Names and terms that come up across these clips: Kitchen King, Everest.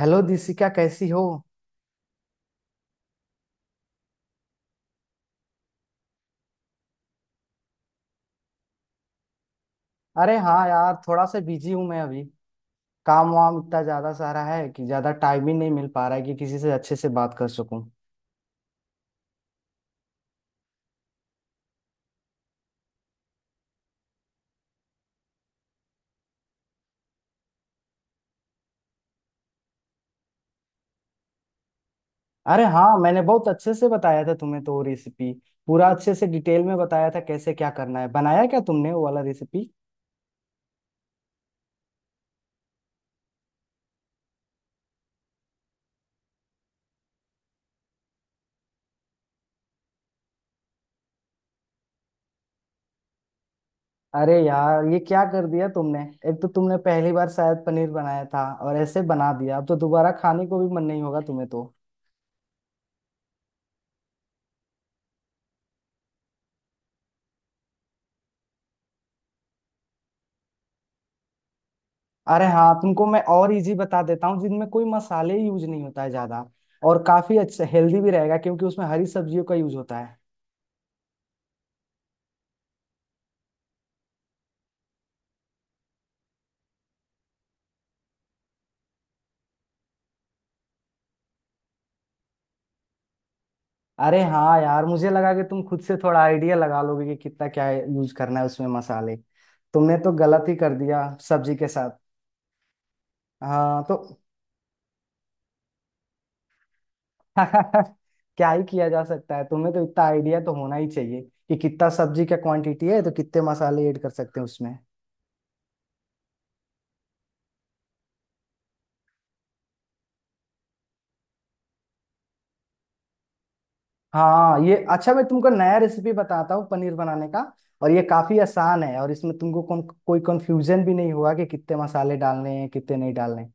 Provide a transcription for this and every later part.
Hello Dishika, कैसी हो? अरे हाँ यार, थोड़ा सा बिजी हूँ मैं अभी। काम वाम इतना ज्यादा सारा है कि ज्यादा टाइम ही नहीं मिल पा रहा है कि किसी से अच्छे से बात कर सकूं। अरे हाँ, मैंने बहुत अच्छे से बताया था तुम्हें तो वो रेसिपी, पूरा अच्छे से डिटेल में बताया था कैसे क्या करना है। बनाया क्या तुमने वो वाला रेसिपी? अरे यार, ये क्या कर दिया तुमने। एक तो तुमने पहली बार शायद पनीर बनाया था और ऐसे बना दिया, अब तो दोबारा खाने को भी मन नहीं होगा तुम्हें तो। अरे हाँ, तुमको मैं और इजी बता देता हूँ जिनमें कोई मसाले यूज नहीं होता है ज्यादा, और काफी अच्छा हेल्दी भी रहेगा क्योंकि उसमें हरी सब्जियों का यूज होता है। अरे हाँ यार, मुझे लगा कि तुम खुद से थोड़ा आइडिया लगा लोगे कि कितना क्या यूज करना है उसमें मसाले। तुमने तो गलत ही कर दिया सब्जी के साथ। हाँ तो क्या ही किया जा सकता है। तुम्हें तो इतना आइडिया तो होना ही चाहिए कि कितना सब्जी का क्वांटिटी है तो कितने मसाले ऐड कर सकते हैं उसमें। हाँ ये अच्छा, मैं तुमको नया रेसिपी बताता हूँ पनीर बनाने का, और ये काफी आसान है, और इसमें तुमको कोई कंफ्यूजन भी नहीं होगा कि कितने मसाले डालने हैं, कितने नहीं डालने हैं।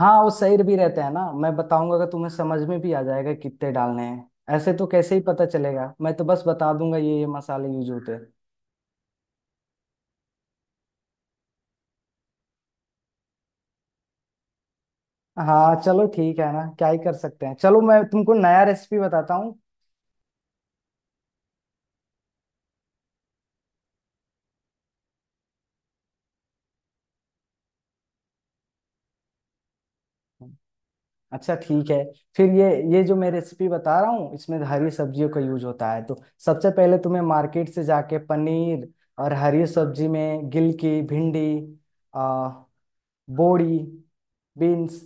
हाँ वो सही भी रहते हैं ना, मैं बताऊंगा अगर तुम्हें समझ में भी आ जाएगा कितने डालने हैं। ऐसे तो कैसे ही पता चलेगा, मैं तो बस बता दूंगा ये मसाले यूज होते हैं। हाँ चलो ठीक है ना, क्या ही कर सकते हैं, चलो मैं तुमको नया रेसिपी बताता हूँ। अच्छा ठीक है। फिर ये जो मैं रेसिपी बता रहा हूँ इसमें हरी सब्जियों का यूज होता है, तो सबसे पहले तुम्हें मार्केट से जाके पनीर, और हरी सब्जी में गिलकी, भिंडी, आ, बोड़ी, बीन्स,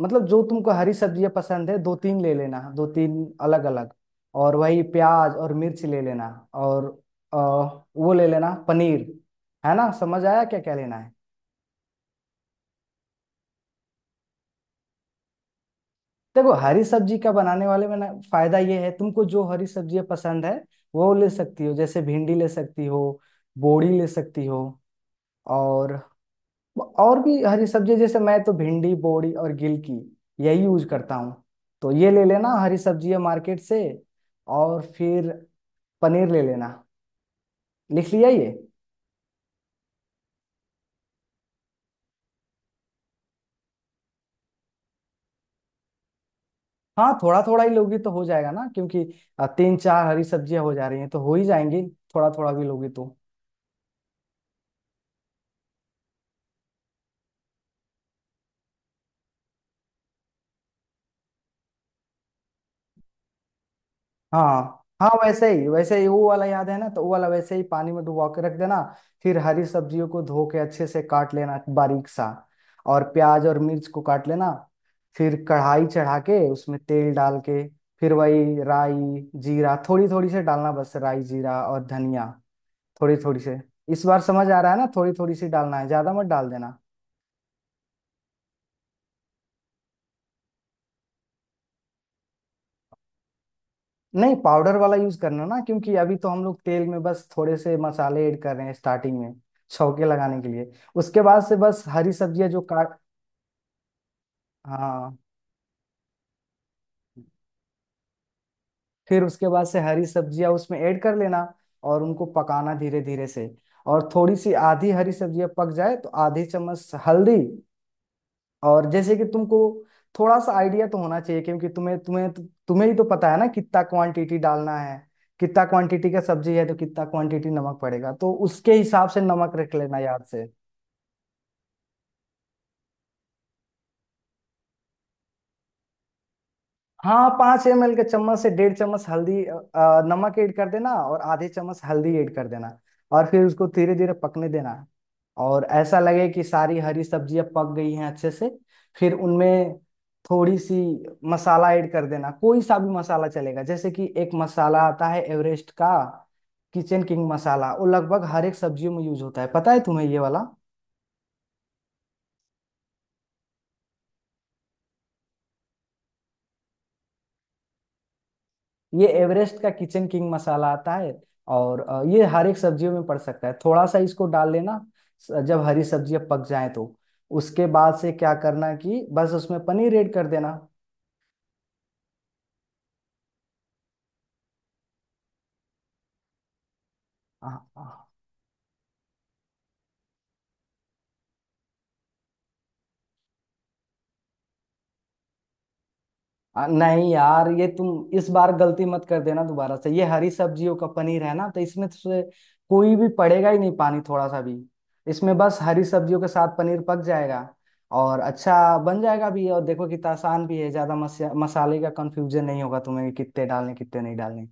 मतलब जो तुमको हरी सब्जियाँ पसंद है दो तीन ले लेना, दो तीन अलग अलग, और वही प्याज और मिर्च ले लेना, और आ, वो ले लेना पनीर। है ना, समझ आया क्या क्या लेना है? देखो हरी सब्जी का बनाने वाले में ना, फायदा ये है तुमको जो हरी सब्जियां पसंद है वो ले सकती हो, जैसे भिंडी ले सकती हो, बोड़ी ले सकती हो, और और भी हरी सब्जी, जैसे मैं तो भिंडी, बोड़ी और गिलकी यही यूज करता हूँ। तो ये ले लेना हरी सब्जियां मार्केट से, और फिर पनीर ले लेना। लिख लिया ये? हाँ थोड़ा थोड़ा ही लोगी तो हो जाएगा ना, क्योंकि तीन चार हरी सब्जियां हो जा रही हैं तो हो ही जाएंगी, थोड़ा थोड़ा भी लोगी तो। हाँ हाँ, वैसे ही वैसे ही, वो वाला याद है ना, तो वो वाला वैसे ही पानी में डुबा के रख देना। फिर हरी सब्जियों को धो के अच्छे से काट लेना बारीक सा, और प्याज और मिर्च को काट लेना। फिर कढ़ाई चढ़ा के उसमें तेल डाल के, फिर वही राई जीरा थोड़ी थोड़ी से डालना, बस राई जीरा और धनिया थोड़ी थोड़ी से। इस बार समझ आ रहा है ना, थोड़ी थोड़ी सी डालना है, ज्यादा मत डाल देना। नहीं, पाउडर वाला यूज करना ना, क्योंकि अभी तो हम लोग तेल में बस थोड़े से मसाले ऐड कर रहे हैं स्टार्टिंग में, छौके लगाने के लिए। उसके बाद से बस हरी सब्जियां जो काट। हाँ, फिर उसके बाद से हरी सब्जियां उसमें ऐड कर लेना और उनको पकाना धीरे धीरे से, और थोड़ी सी आधी हरी सब्जियां पक जाए तो आधी चम्मच हल्दी। और जैसे कि तुमको थोड़ा सा आइडिया तो होना चाहिए, क्योंकि तुम्हें तुम्हें तु, तुम्हें ही तो पता है ना कितना क्वांटिटी डालना है। कितना क्वांटिटी का सब्जी है तो कितना क्वांटिटी नमक पड़ेगा, तो उसके हिसाब से नमक रख लेना याद से। हाँ, 5 ml के चम्मच से 1.5 चम्मच हल्दी नमक ऐड कर देना, और आधे चम्मच हल्दी ऐड कर देना, और फिर उसको धीरे धीरे पकने देना। और ऐसा लगे कि सारी हरी सब्जियां पक गई हैं अच्छे से, फिर उनमें थोड़ी सी मसाला ऐड कर देना। कोई सा भी मसाला चलेगा, जैसे कि एक मसाला आता है एवरेस्ट का किचन किंग मसाला, वो लगभग हर एक सब्जियों में यूज होता है। पता है तुम्हें ये वाला? ये एवरेस्ट का किचन किंग मसाला आता है, और ये हर एक सब्जियों में पड़ सकता है, थोड़ा सा इसको डाल लेना। जब हरी सब्जियां पक जाएं, तो उसके बाद से क्या करना कि बस उसमें पनीर ऐड कर देना। हाँ, हाँ। नहीं यार, ये तुम इस बार गलती मत कर देना दोबारा से, ये हरी सब्जियों का पनीर है ना, तो इसमें से कोई भी पड़ेगा ही नहीं पानी थोड़ा सा भी। इसमें बस हरी सब्जियों के साथ पनीर पक जाएगा, और अच्छा बन जाएगा भी। और देखो कितना आसान भी है, ज्यादा मसाले का कंफ्यूजन नहीं होगा तुम्हें कि कितने डालने, कितने नहीं डालने।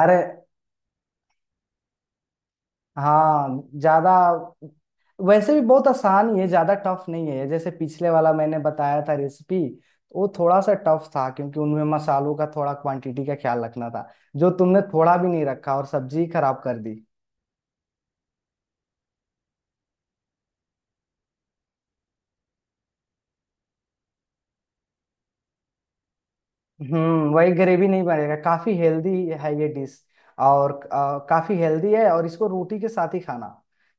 अरे हाँ, ज्यादा, वैसे भी बहुत आसान ही है, ज्यादा टफ नहीं है। जैसे पिछले वाला मैंने बताया था रेसिपी, वो थोड़ा सा टफ था क्योंकि उनमें मसालों का थोड़ा क्वांटिटी का ख्याल रखना था, जो तुमने थोड़ा भी नहीं रखा और सब्जी खराब कर दी। वही ग्रेवी नहीं बनेगा। काफी हेल्दी है ये डिश, और काफी हेल्दी है, और इसको रोटी के साथ ही खाना,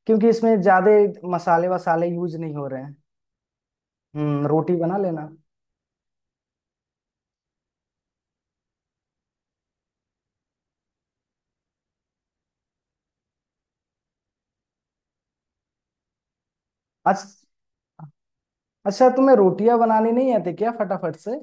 क्योंकि इसमें ज्यादा मसाले वसाले यूज नहीं हो रहे हैं। रोटी बना लेना। अच्छा। अच्छा तुम्हें रोटियां बनानी नहीं आती क्या फटाफट से?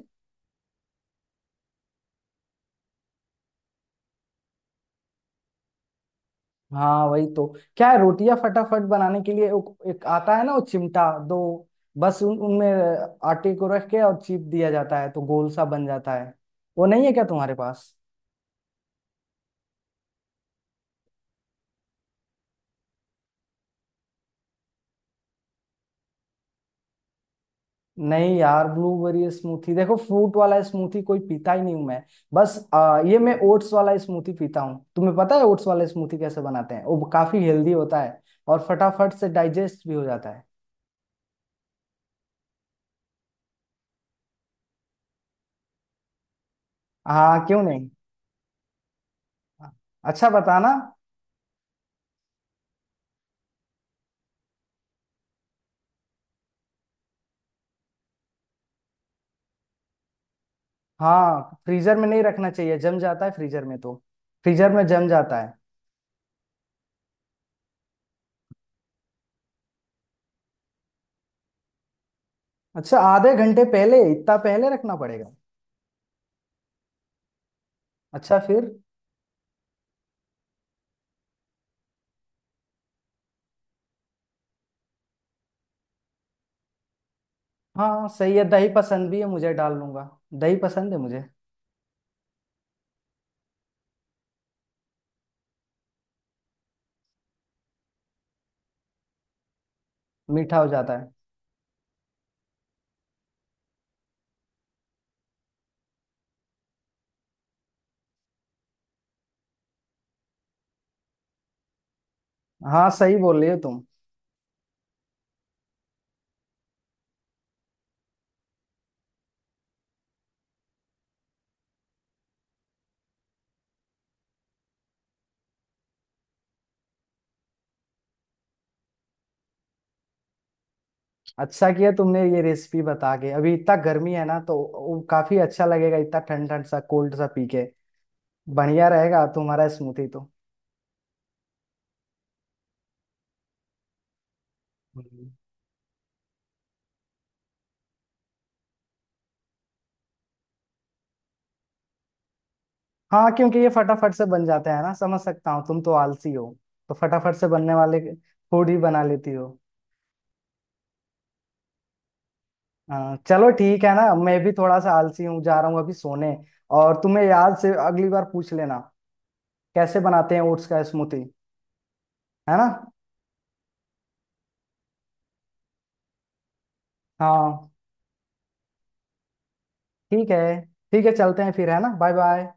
हाँ वही तो, क्या है, रोटियां फटाफट बनाने के लिए एक आता है ना वो चिमटा दो, बस उन उनमें आटे को रख के और चीप दिया जाता है तो गोल सा बन जाता है। वो नहीं है क्या तुम्हारे पास? नहीं यार, ब्लूबेरी स्मूथी, देखो फ्रूट वाला स्मूथी कोई पीता ही नहीं हूं मैं। बस ये मैं ओट्स वाला स्मूथी पीता हूँ। तुम्हें पता है ओट्स वाला स्मूथी कैसे बनाते हैं? वो काफी हेल्दी होता है और फटाफट से डाइजेस्ट भी हो जाता है। हाँ क्यों नहीं, अच्छा बताना। हाँ, फ्रीजर में नहीं रखना चाहिए, जम जाता है फ्रीजर में तो। फ्रीजर में जम जाता है। अच्छा आधे घंटे पहले, इतना पहले रखना पड़ेगा? अच्छा फिर? हाँ सही है, दही पसंद भी है मुझे, डाल लूंगा। दही पसंद है मुझे। मीठा हो जाता है। हाँ सही बोल रही हो तुम। अच्छा किया तुमने ये रेसिपी बता के, अभी इतना गर्मी है ना तो वो काफी अच्छा लगेगा, इतना ठंड ठंड सा कोल्ड सा पी के बढ़िया रहेगा तुम्हारा स्मूथी तो। हम्म। हाँ क्योंकि ये फटाफट से बन जाते हैं ना, समझ सकता हूँ, तुम तो आलसी हो, तो फटाफट से बनने वाले फूड ही बना लेती हो। हाँ चलो ठीक है ना, मैं भी थोड़ा सा आलसी हूँ, जा रहा हूँ अभी सोने। और तुम्हें याद से अगली बार पूछ लेना कैसे बनाते हैं ओट्स का स्मूथी। है ना? हाँ ठीक है, ठीक है, चलते हैं फिर, है ना? Bye bye.